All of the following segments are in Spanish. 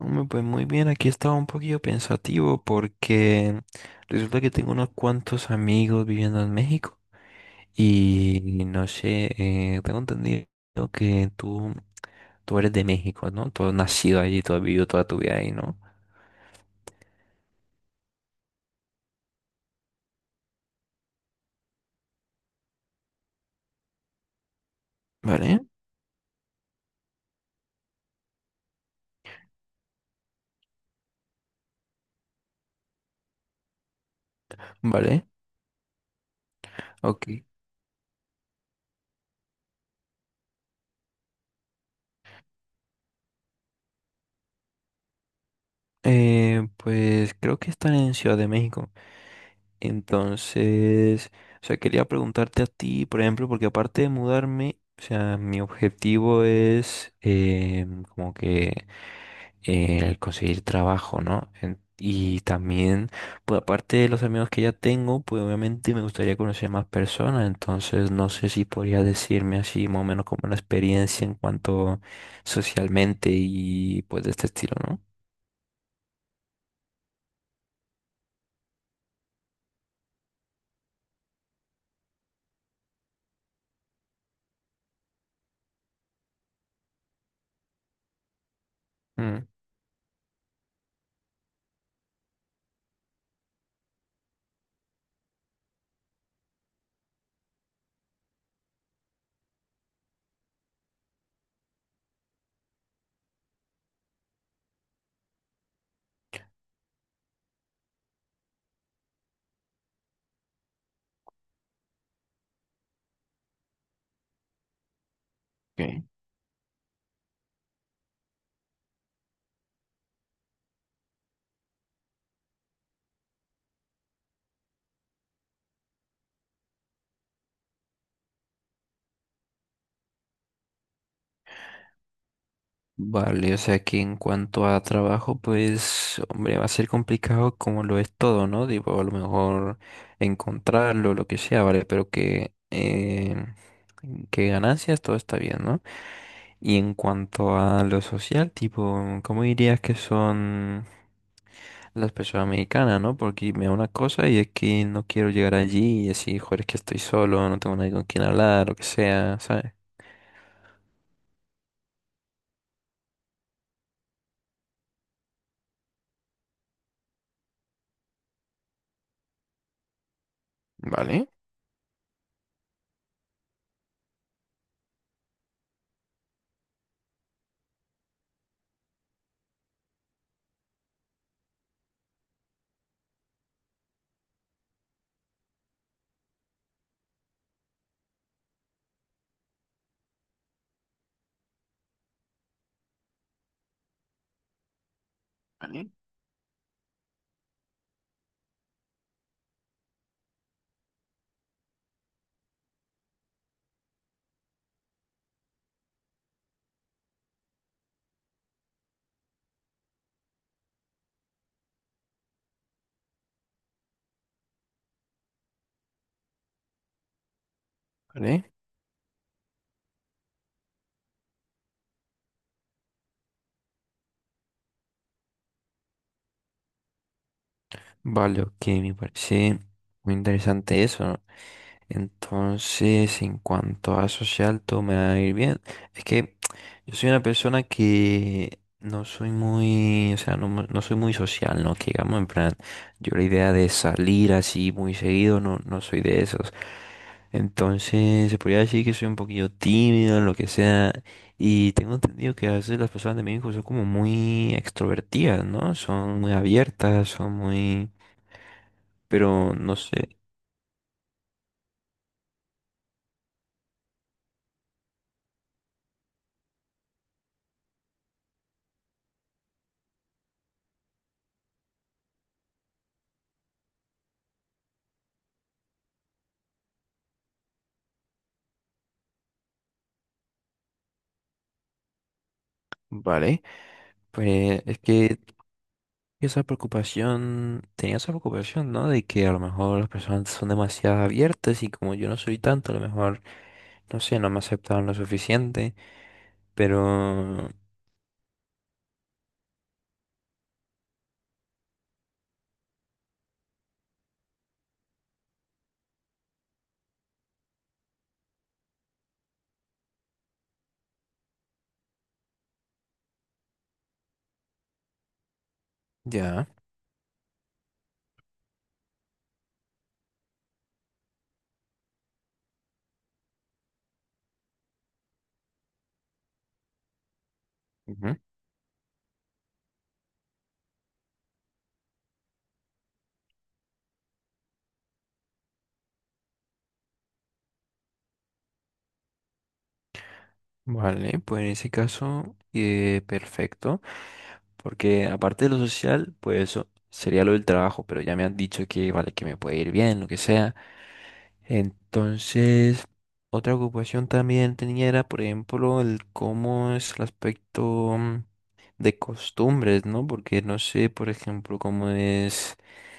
Hombre, pues muy bien, aquí estaba un poquillo pensativo porque resulta que tengo unos cuantos amigos viviendo en México y no sé, tengo entendido que tú eres de México, ¿no? Tú has nacido allí, tú has vivido toda tu vida ahí, ¿no? Vale, vale, ok. Pues creo que están en Ciudad de México. Entonces, o sea, quería preguntarte a ti, por ejemplo, porque aparte de mudarme, o sea, mi objetivo es como que el conseguir trabajo, ¿no? Y también, pues aparte de los amigos que ya tengo, pues obviamente me gustaría conocer más personas, entonces no sé si podría decirme así más o menos como la experiencia en cuanto socialmente y pues de este estilo, ¿no? Mm. Vale, o sea que en cuanto a trabajo, pues, hombre, va a ser complicado como lo es todo, ¿no? Digo, a lo mejor encontrarlo, lo que sea, ¿vale? Pero que ganancias, todo está bien, ¿no? Y en cuanto a lo social, tipo, ¿cómo dirías que son las personas mexicanas, ¿no? Porque me da una cosa y es que no quiero llegar allí y decir, joder, es que estoy solo, no tengo nadie con quien hablar, lo que sea, ¿sabes? Vale, vale. Vale, ok, me parece muy interesante eso, ¿no? Entonces, en cuanto a social, todo me va a ir bien. Es que yo soy una persona que no soy muy, o sea, no, no soy muy social, ¿no? Que digamos, en plan, yo la idea de salir así muy seguido, no, no soy de esos. Entonces, se podría decir que soy un poquillo tímido, lo que sea. Y tengo entendido que a veces las personas de México son como muy extrovertidas, ¿no? Son muy abiertas, son muy, pero no sé, ¿vale? Pues es que esa preocupación, tenía esa preocupación, ¿no? De que a lo mejor las personas son demasiado abiertas y como yo no soy tanto, a lo mejor, no sé, no me aceptaron lo suficiente, pero ya, ujú. Vale, pues en ese caso, perfecto, porque aparte de lo social, pues eso sería lo del trabajo, pero ya me han dicho que, vale, que me puede ir bien, lo que sea. Entonces, otra ocupación también tenía era, por ejemplo, el cómo es el aspecto de costumbres, ¿no? Porque no sé, por ejemplo, cómo es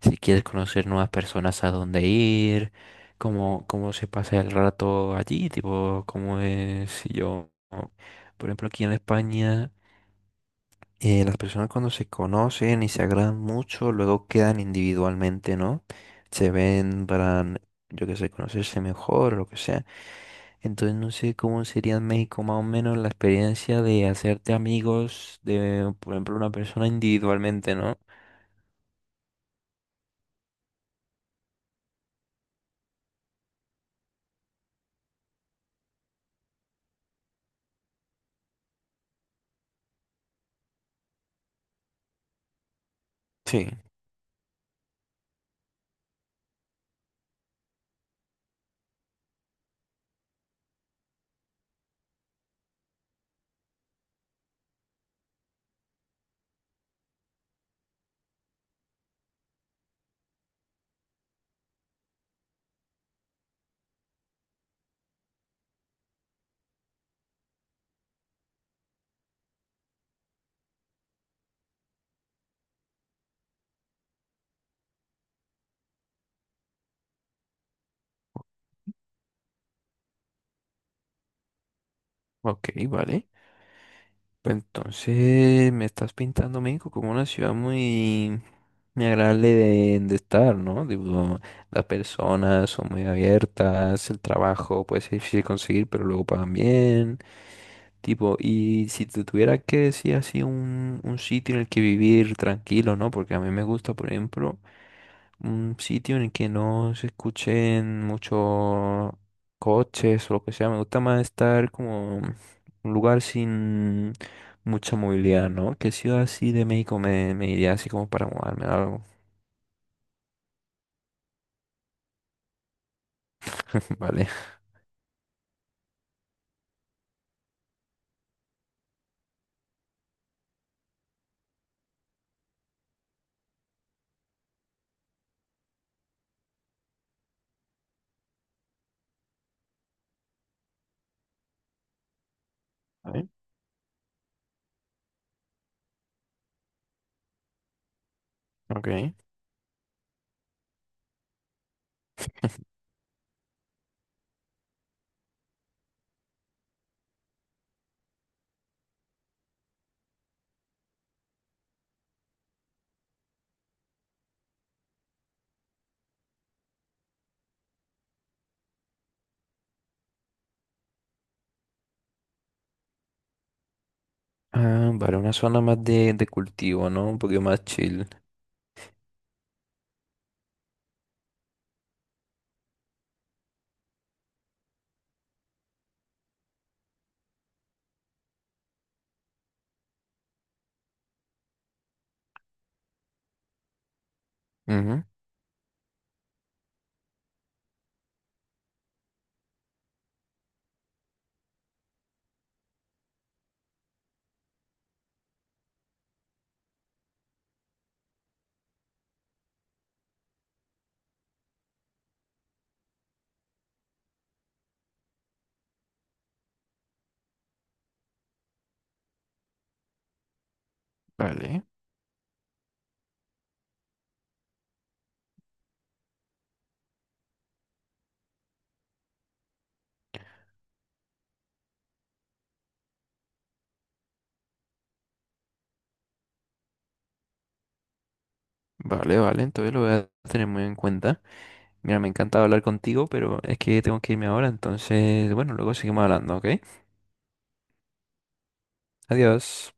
si quieres conocer nuevas personas a dónde ir, cómo, cómo se pasa el rato allí, tipo, cómo es si yo, por ejemplo, aquí en España las personas cuando se conocen y se agradan mucho, luego quedan individualmente, ¿no? Se ven para, yo qué sé, conocerse mejor o lo que sea. Entonces no sé cómo sería en México más o menos la experiencia de hacerte amigos de, por ejemplo, una persona individualmente, ¿no? Sí. Ok, vale. Pues entonces me estás pintando México como una ciudad muy, muy agradable de estar, ¿no? Digo, las personas son muy abiertas, el trabajo puede ser difícil conseguir, pero luego pagan bien. Tipo, y si te tuviera que decir así un sitio en el que vivir tranquilo, ¿no? Porque a mí me gusta, por ejemplo, un sitio en el que no se escuchen muchos coches o lo que sea. Me gusta más estar como en un lugar sin mucha movilidad, ¿no? ¿Qué ciudad así de México me, me iría así como para mudarme o algo? Vale. Vale, ok. Ah, vale, una zona más de cultivo, ¿no? Un poquito más chill. Ujú. Vale, vale, vale, entonces lo voy a tener muy en cuenta. Mira, me encanta hablar contigo, pero es que tengo que irme ahora, entonces, bueno, luego seguimos hablando, ¿ok? Adiós.